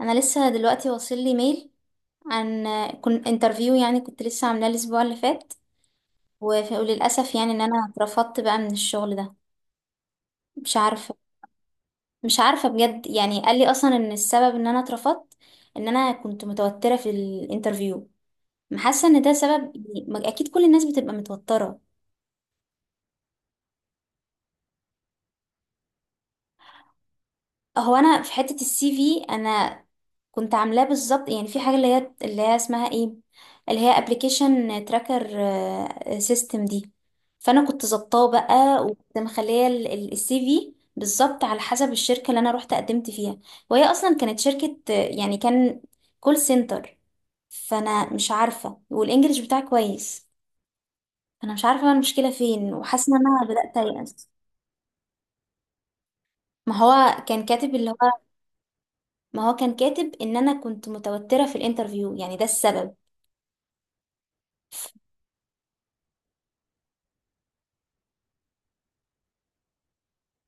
انا لسه دلوقتي واصل لي ميل عن كنت انترفيو. يعني كنت لسه عاملاه الاسبوع اللي فات. وللاسف يعني ان انا اترفضت بقى من الشغل ده. مش عارفه. مش عارفه بجد، يعني قال لي اصلا ان السبب ان انا اترفضت ان انا كنت متوتره في الانترفيو. حاسه ان ده سبب، يعني اكيد كل الناس بتبقى متوتره. هو انا في حته السي في انا كنت عاملاه بالظبط، يعني في حاجة اللي هي اسمها ايه، اللي هي ابلكيشن تراكر سيستم دي. فانا كنت ظبطاه بقى وكنت مخليه السي في بالظبط على حسب الشركة اللي انا رحت قدمت فيها. وهي اصلا كانت شركة آه، يعني كان كول سنتر. فانا مش عارفة، والانجليش بتاعي كويس. انا مش عارفة بقى المشكلة فين، وحاسة ان انا بدأت ايأس. ما هو كان كاتب اللي هو، ما هو كان كاتب ان انا كنت متوترة في الانترفيو، يعني ده السبب.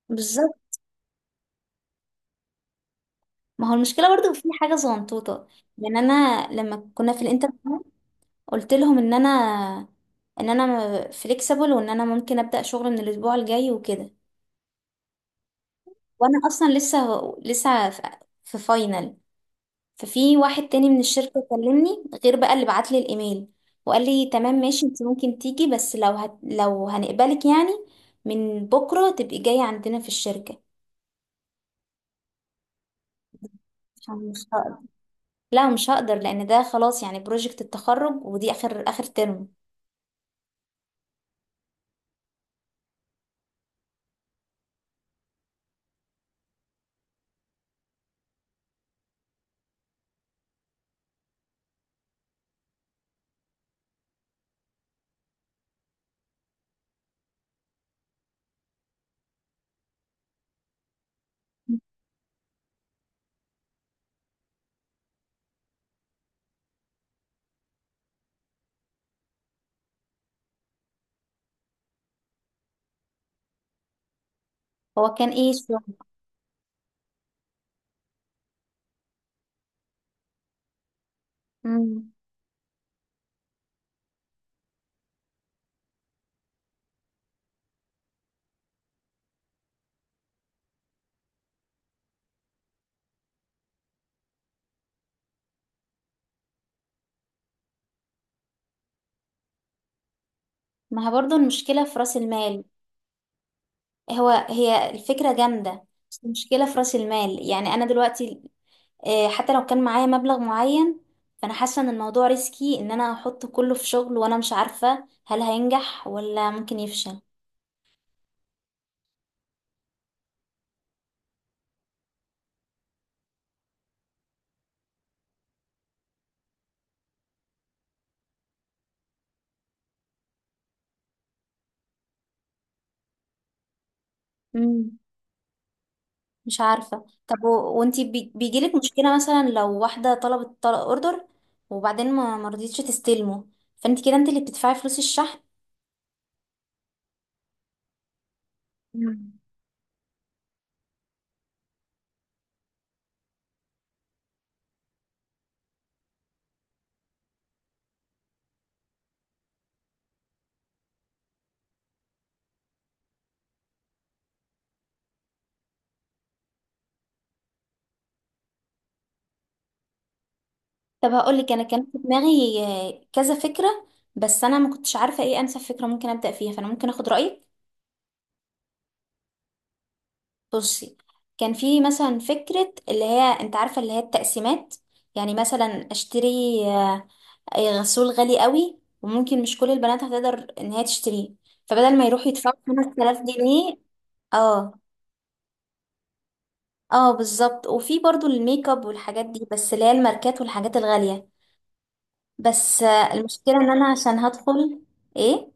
بالظبط. ما هو المشكله برضو في حاجه صغنطوطه. يعني انا لما كنا في الانترفيو قلت لهم ان انا فليكسبل وان انا ممكن ابدا شغل من الاسبوع الجاي وكده. وانا اصلا لسه في فاينل. ففي واحد تاني من الشركه كلمني غير بقى اللي بعت لي الايميل، وقال لي تمام ماشي انت ممكن تيجي، بس لو هنقبلك يعني من بكره تبقي جايه عندنا في الشركه. مش هقدر. لا مش هقدر لان ده خلاص يعني بروجكت التخرج، ودي اخر اخر ترم. هو كان ايه الشغل؟ مم. ما هي برضو المشكلة في رأس المال. هو هي الفكرة جامدة، بس المشكلة في رأس المال. يعني انا دلوقتي آه، حتى لو كان معايا مبلغ معين فانا حاسة ان الموضوع ريسكي ان انا احط كله في شغل وانا مش عارفة هل هينجح ولا ممكن يفشل. مم. مش عارفة. بيجيلك مشكلة مثلا لو واحدة طلبت طلب اوردر، وبعدين ما مرضيتش تستلمه، فانت كده انت اللي بتدفعي فلوس الشحن. طب هقول لك انا كان في دماغي آه، كذا فكره. بس انا ما كنتش عارفه ايه انسب فكره ممكن ابدا فيها، فانا ممكن اخد رايك. بصي، كان في مثلا فكره اللي هي انت عارفه اللي هي التقسيمات. يعني مثلا اشتري آه، آه، غسول غالي قوي وممكن مش كل البنات هتقدر ان هي تشتريه. فبدل ما يروحوا يدفعوا 5000 جنيه. اه اه بالظبط. وفي برضو الميك اب والحاجات دي، بس اللي هي الماركات والحاجات الغاليه. بس آه، المشكله ان انا عشان هدخل. ايه؟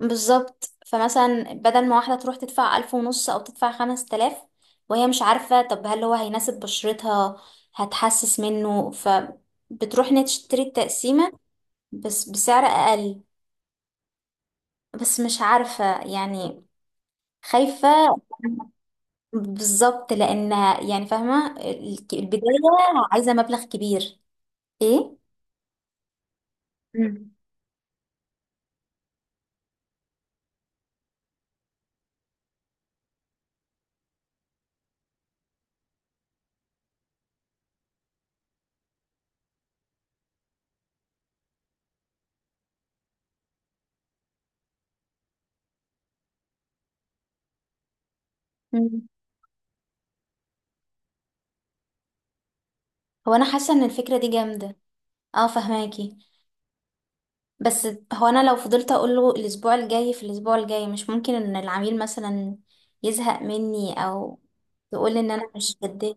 بالظبط. فمثلا بدل ما واحدة تروح تدفع 1500 أو تدفع 5000 وهي مش عارفة طب هل هو هيناسب بشرتها، هتحسس منه، فبتروح إنها تشتري التقسيمة بس بسعر أقل. بس مش عارفة يعني، خايفة. بالظبط، لأنها يعني فاهمة البداية عايزة مبلغ كبير. إيه؟ مم. مم. هو أنا حاسة إن الفكرة دي جامدة. اه فهماكي. بس هو انا لو فضلت اقول له الاسبوع الجاي في الاسبوع الجاي، مش ممكن ان العميل مثلا يزهق مني او يقول ان انا مش جدية.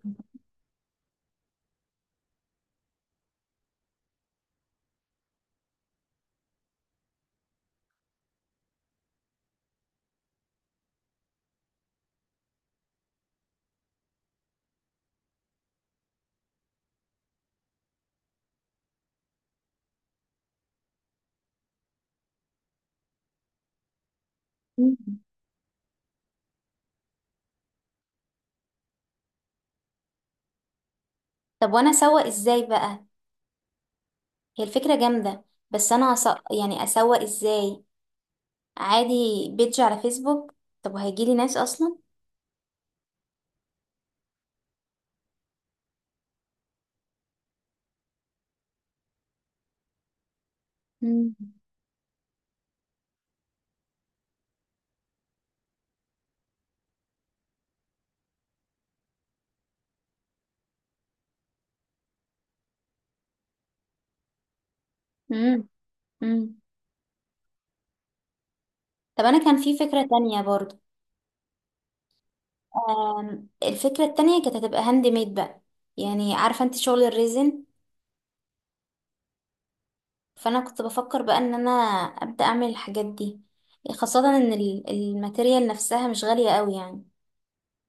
مم. طب وانا اسوق ازاي بقى؟ هي الفكرة جامدة، بس انا أس... يعني اسوق ازاي؟ عادي، بيدج على فيسبوك؟ طب وهيجيلي ناس اصلا؟ مم. مم. مم. طب انا كان في فكرة تانية برضو. آم، الفكرة التانية كانت هتبقى هاند ميد بقى. يعني عارفة انت شغل الريزن. فانا كنت بفكر بقى ان انا ابدا اعمل الحاجات دي، خاصه ان الماتيريال نفسها مش غاليه قوي، يعني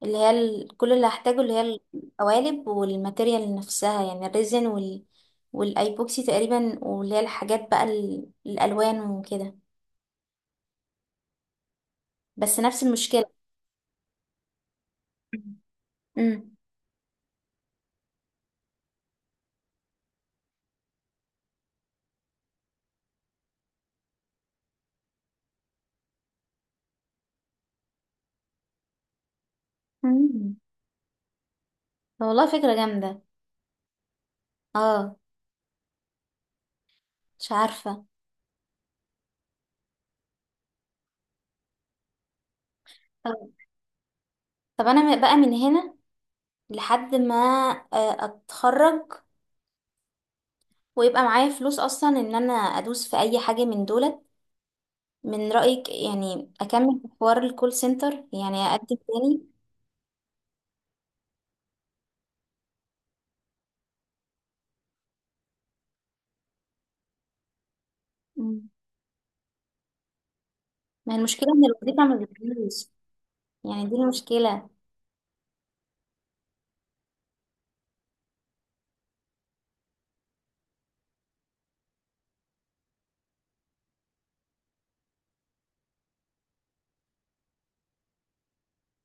اللي هي كل اللي هحتاجه اللي هي القوالب والماتيريال نفسها، يعني الريزن وال والايبوكسي تقريبا، واللي هي الحاجات بقى الالوان وكده. بس نفس المشكله. امم. أمم. والله فكره جامده. اه. مش عارفه. طب، طب انا بقى من هنا لحد ما آه، اتخرج ويبقى معايا فلوس اصلا ان انا ادوس في اي حاجه من دولت، من رايك يعني اكمل في حوار الكول سنتر يعني اقدم تاني؟ مم. ما هي المشكله ان الوظيفه ما بتجيش. يعني دي المشكله.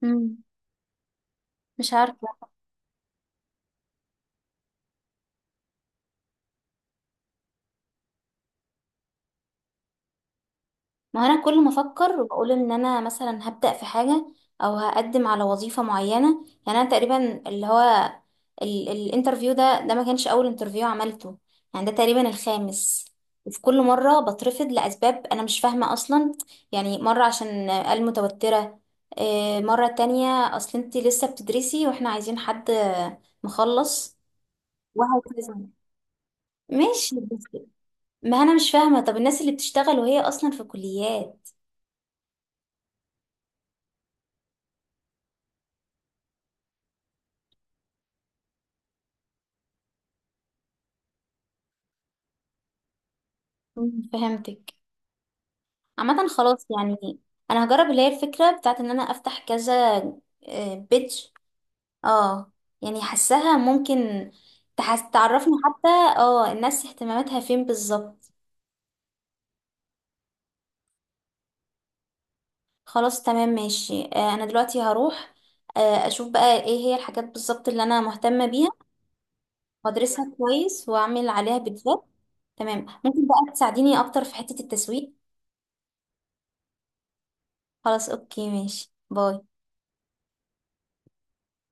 مم. مش عارفه. ما انا كل ما افكر واقول ان انا مثلا هبدأ في حاجة او هقدم على وظيفة معينة، يعني انا تقريبا اللي هو الانترفيو ده ما كانش اول انترفيو عملته، يعني ده تقريبا الخامس. وفي كل مرة بترفض لأسباب انا مش فاهمة اصلا. يعني مرة عشان آه، قال متوترة، آه، مرة تانية اصل انت لسه بتدرسي واحنا عايزين حد مخلص، وهكذا. ماشي بس، ما انا مش فاهمة طب الناس اللي بتشتغل وهي اصلا في كليات؟ مم، فهمتك. عامة خلاص يعني، انا هجرب اللي هي الفكرة بتاعت ان انا افتح كذا بيج. اه. يعني حاساها ممكن تحس تعرفني حتى اه الناس اهتماماتها فين بالظبط. خلاص تمام ماشي آه، انا دلوقتي هروح آه، اشوف بقى ايه هي الحاجات بالظبط اللي انا مهتمة بيها، وادرسها كويس واعمل عليها فيديوهات. تمام ممكن بقى تساعديني اكتر في حتة التسويق. خلاص اوكي ماشي باي.